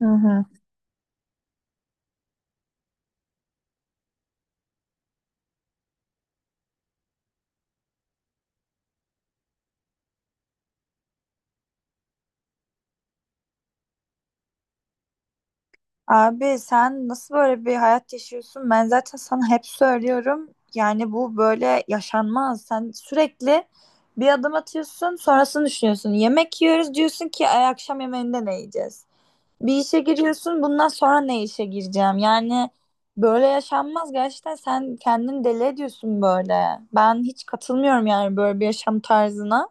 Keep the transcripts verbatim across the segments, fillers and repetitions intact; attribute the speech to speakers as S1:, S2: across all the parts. S1: Hı hı. Abi sen nasıl böyle bir hayat yaşıyorsun? Ben zaten sana hep söylüyorum. Yani bu böyle yaşanmaz. Sen sürekli bir adım atıyorsun, sonrasını düşünüyorsun. Yemek yiyoruz diyorsun ki ay akşam yemeğinde ne yiyeceğiz? Bir işe giriyorsun, bundan sonra ne işe gireceğim? Yani böyle yaşanmaz. Gerçekten sen kendini deli ediyorsun böyle. Ben hiç katılmıyorum yani böyle bir yaşam tarzına.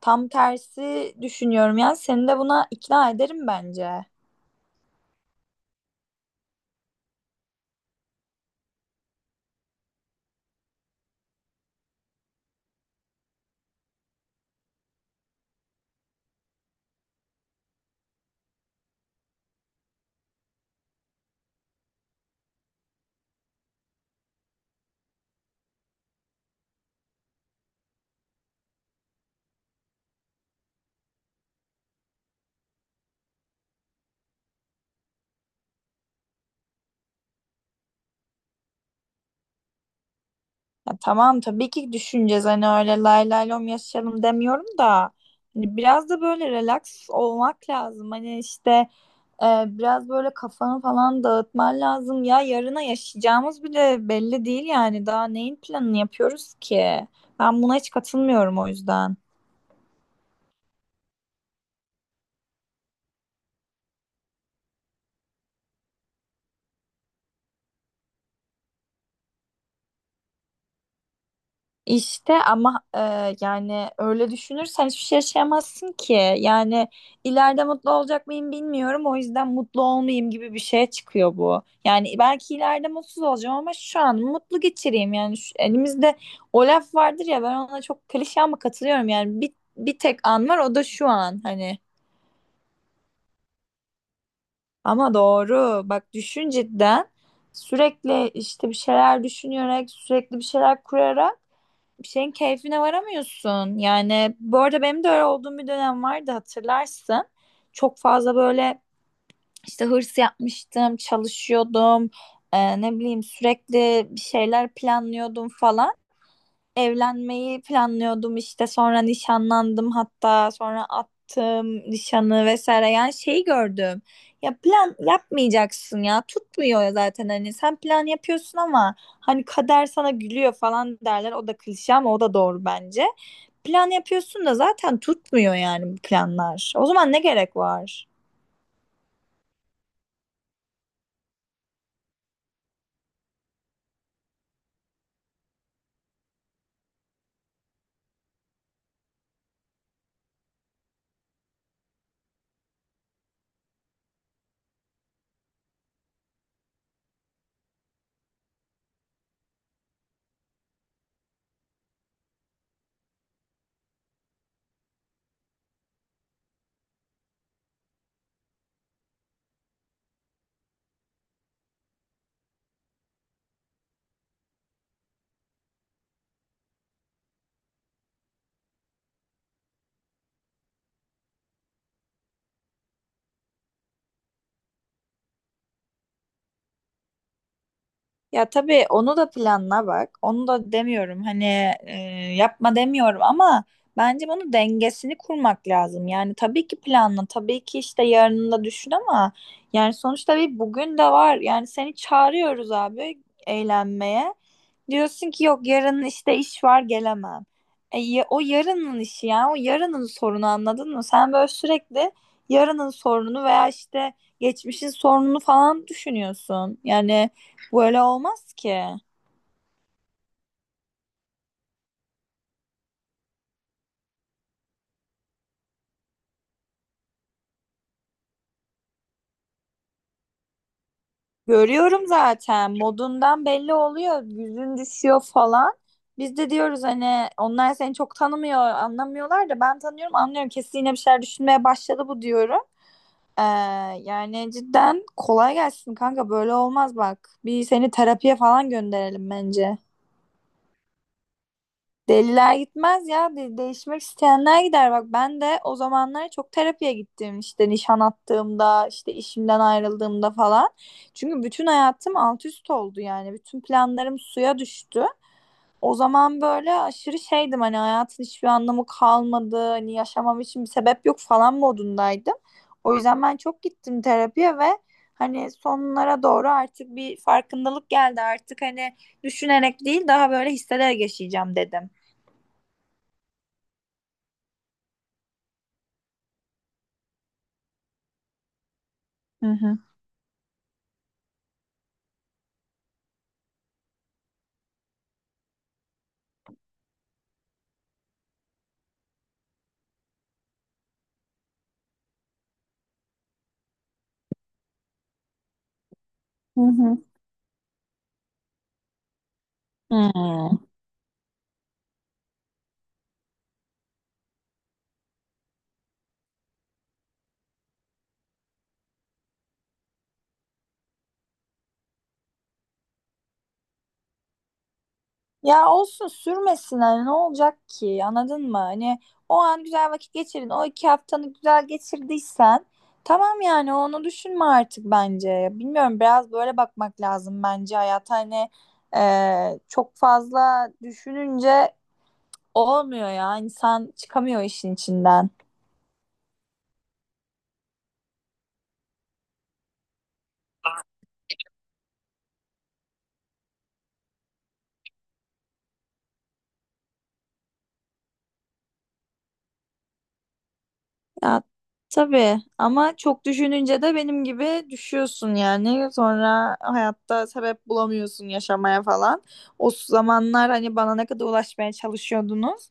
S1: Tam tersi düşünüyorum yani. Seni de buna ikna ederim bence. Ya tamam tabii ki düşüneceğiz hani öyle lay lay lom yaşayalım demiyorum da hani biraz da böyle relax olmak lazım hani işte e, biraz böyle kafanı falan dağıtman lazım ya yarına yaşayacağımız bile belli değil yani daha neyin planını yapıyoruz ki ben buna hiç katılmıyorum o yüzden. İşte ama e, yani öyle düşünürsen hiçbir şey yaşayamazsın ki. Yani ileride mutlu olacak mıyım bilmiyorum. O yüzden mutlu olmayayım gibi bir şeye çıkıyor bu. Yani belki ileride mutsuz olacağım ama şu an mutlu geçireyim. Yani şu- elimizde o laf vardır ya ben ona çok klişe ama katılıyorum. Yani bir, bir tek an var o da şu an hani. Ama doğru bak düşün cidden sürekli işte bir şeyler düşünerek sürekli bir şeyler kurarak bir şeyin keyfine varamıyorsun. Yani bu arada benim de öyle olduğum bir dönem vardı hatırlarsın. Çok fazla böyle işte hırs yapmıştım, çalışıyordum. Ee, ne bileyim sürekli bir şeyler planlıyordum falan. Evlenmeyi planlıyordum işte sonra nişanlandım hatta sonra attım nişanı vesaire yani şeyi gördüm. Ya plan yapmayacaksın ya tutmuyor ya zaten hani sen plan yapıyorsun ama hani kader sana gülüyor falan derler o da klişe ama o da doğru bence. Plan yapıyorsun da zaten tutmuyor yani bu planlar. O zaman ne gerek var? Ya tabii onu da planla bak. Onu da demiyorum. Hani e, yapma demiyorum ama bence bunun dengesini kurmak lazım. Yani tabii ki planla, tabii ki işte yarını da düşün ama yani sonuçta bir bugün de var. Yani seni çağırıyoruz abi eğlenmeye. Diyorsun ki yok yarın işte iş var gelemem. E, ya- o yarının işi ya. O yarının sorunu anladın mı? Sen böyle sürekli yarının sorununu veya işte geçmişin sorununu falan düşünüyorsun. Yani böyle olmaz ki. Görüyorum zaten modundan belli oluyor. Yüzün düşüyor falan. Biz de diyoruz hani onlar seni çok tanımıyor, anlamıyorlar da ben tanıyorum, anlıyorum. Kesin yine bir şeyler düşünmeye başladı bu diyorum. Ee, Yani cidden kolay gelsin kanka böyle olmaz bak. Bir seni terapiye falan gönderelim bence. Deliler gitmez ya. De- değişmek isteyenler gider. Bak ben de o zamanlar çok terapiye gittim. İşte nişan attığımda, işte işimden ayrıldığımda falan. Çünkü bütün hayatım alt üst oldu yani. Bütün planlarım suya düştü. O zaman böyle aşırı şeydim hani hayatın hiçbir anlamı kalmadı. Hani yaşamam için bir sebep yok falan modundaydım. O yüzden ben çok gittim terapiye ve hani sonlara doğru artık bir farkındalık geldi. Artık hani düşünerek değil daha böyle hissederek yaşayacağım dedim. Hı hı. Hı hı. Hmm. Ya olsun sürmesin hani ne olacak ki anladın mı? Hani o an güzel vakit geçirin. O iki haftanı güzel geçirdiysen tamam yani onu düşünme artık bence. Bilmiyorum biraz böyle bakmak lazım bence hayat hani e, çok fazla düşününce olmuyor ya insan çıkamıyor işin içinden. Ya tabii ama çok düşününce de benim gibi düşüyorsun yani. Sonra hayatta sebep bulamıyorsun yaşamaya falan. O zamanlar hani bana ne kadar ulaşmaya çalışıyordunuz.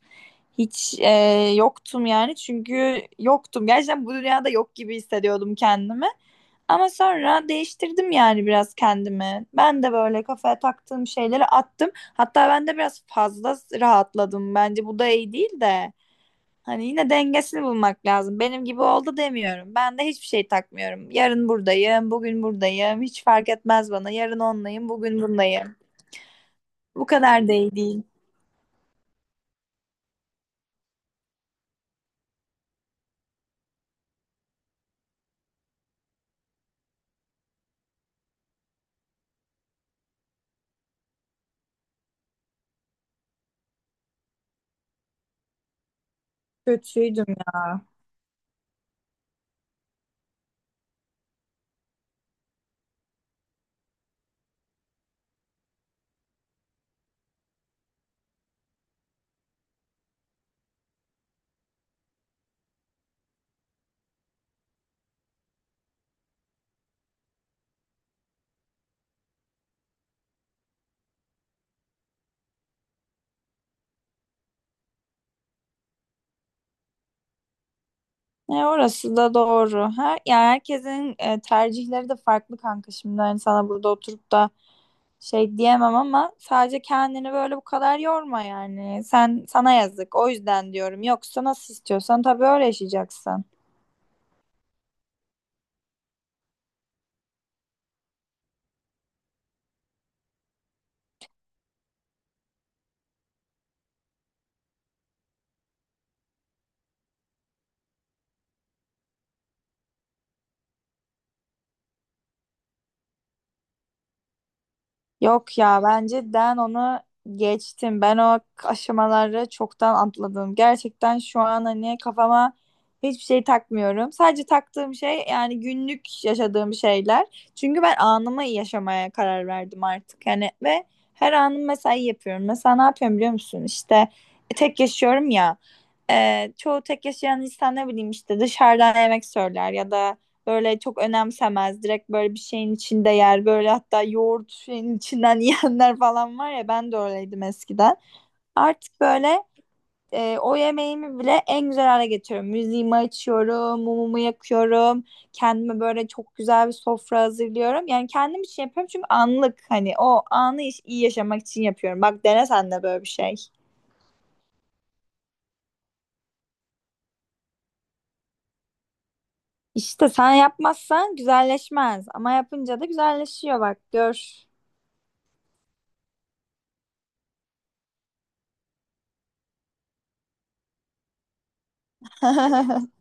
S1: Hiç e, yoktum yani çünkü yoktum. Gerçekten bu dünyada yok gibi hissediyordum kendimi. Ama sonra değiştirdim yani biraz kendimi. Ben de böyle kafaya taktığım şeyleri attım. Hatta ben de biraz fazla rahatladım. Bence bu da iyi değil de. Hani yine dengesini bulmak lazım. Benim gibi oldu demiyorum. Ben de hiçbir şey takmıyorum. Yarın buradayım, bugün buradayım. Hiç fark etmez bana. Yarın onlayım, bugün bundayım. Bu kadar değil değil. Kötüydüm ya. E, orası da doğru. Her, yani herkesin e, tercihleri de farklı kanka. Şimdi hani sana burada oturup da şey diyemem ama sadece kendini böyle bu kadar yorma yani. Sen sana yazık. O yüzden diyorum. Yoksa nasıl istiyorsan tabii öyle yaşayacaksın. Yok ya bence Dan onu geçtim. Ben o aşamaları çoktan atladım. Gerçekten şu an hani kafama hiçbir şey takmıyorum. Sadece taktığım şey yani günlük yaşadığım şeyler. Çünkü ben anımı yaşamaya karar verdim artık. Yani ve her anım mesai yapıyorum. Mesela ne yapıyorum biliyor musun? İşte tek yaşıyorum ya. Ee, çoğu tek yaşayan insan ne bileyim işte dışarıdan yemek söyler ya da böyle çok önemsemez. Direkt böyle bir şeyin içinde yer. Böyle hatta yoğurt şeyin içinden yiyenler falan var ya ben de öyleydim eskiden. Artık böyle e, o yemeğimi bile en güzel hale getiriyorum. Müziğimi açıyorum, mumumu yakıyorum. Kendime böyle çok güzel bir sofra hazırlıyorum. Yani kendim için yapıyorum çünkü anlık hani o anı iş- iyi yaşamak için yapıyorum. Bak dene sen de böyle bir şey. İşte sen yapmazsan güzelleşmez ama yapınca da güzelleşiyor bak gör.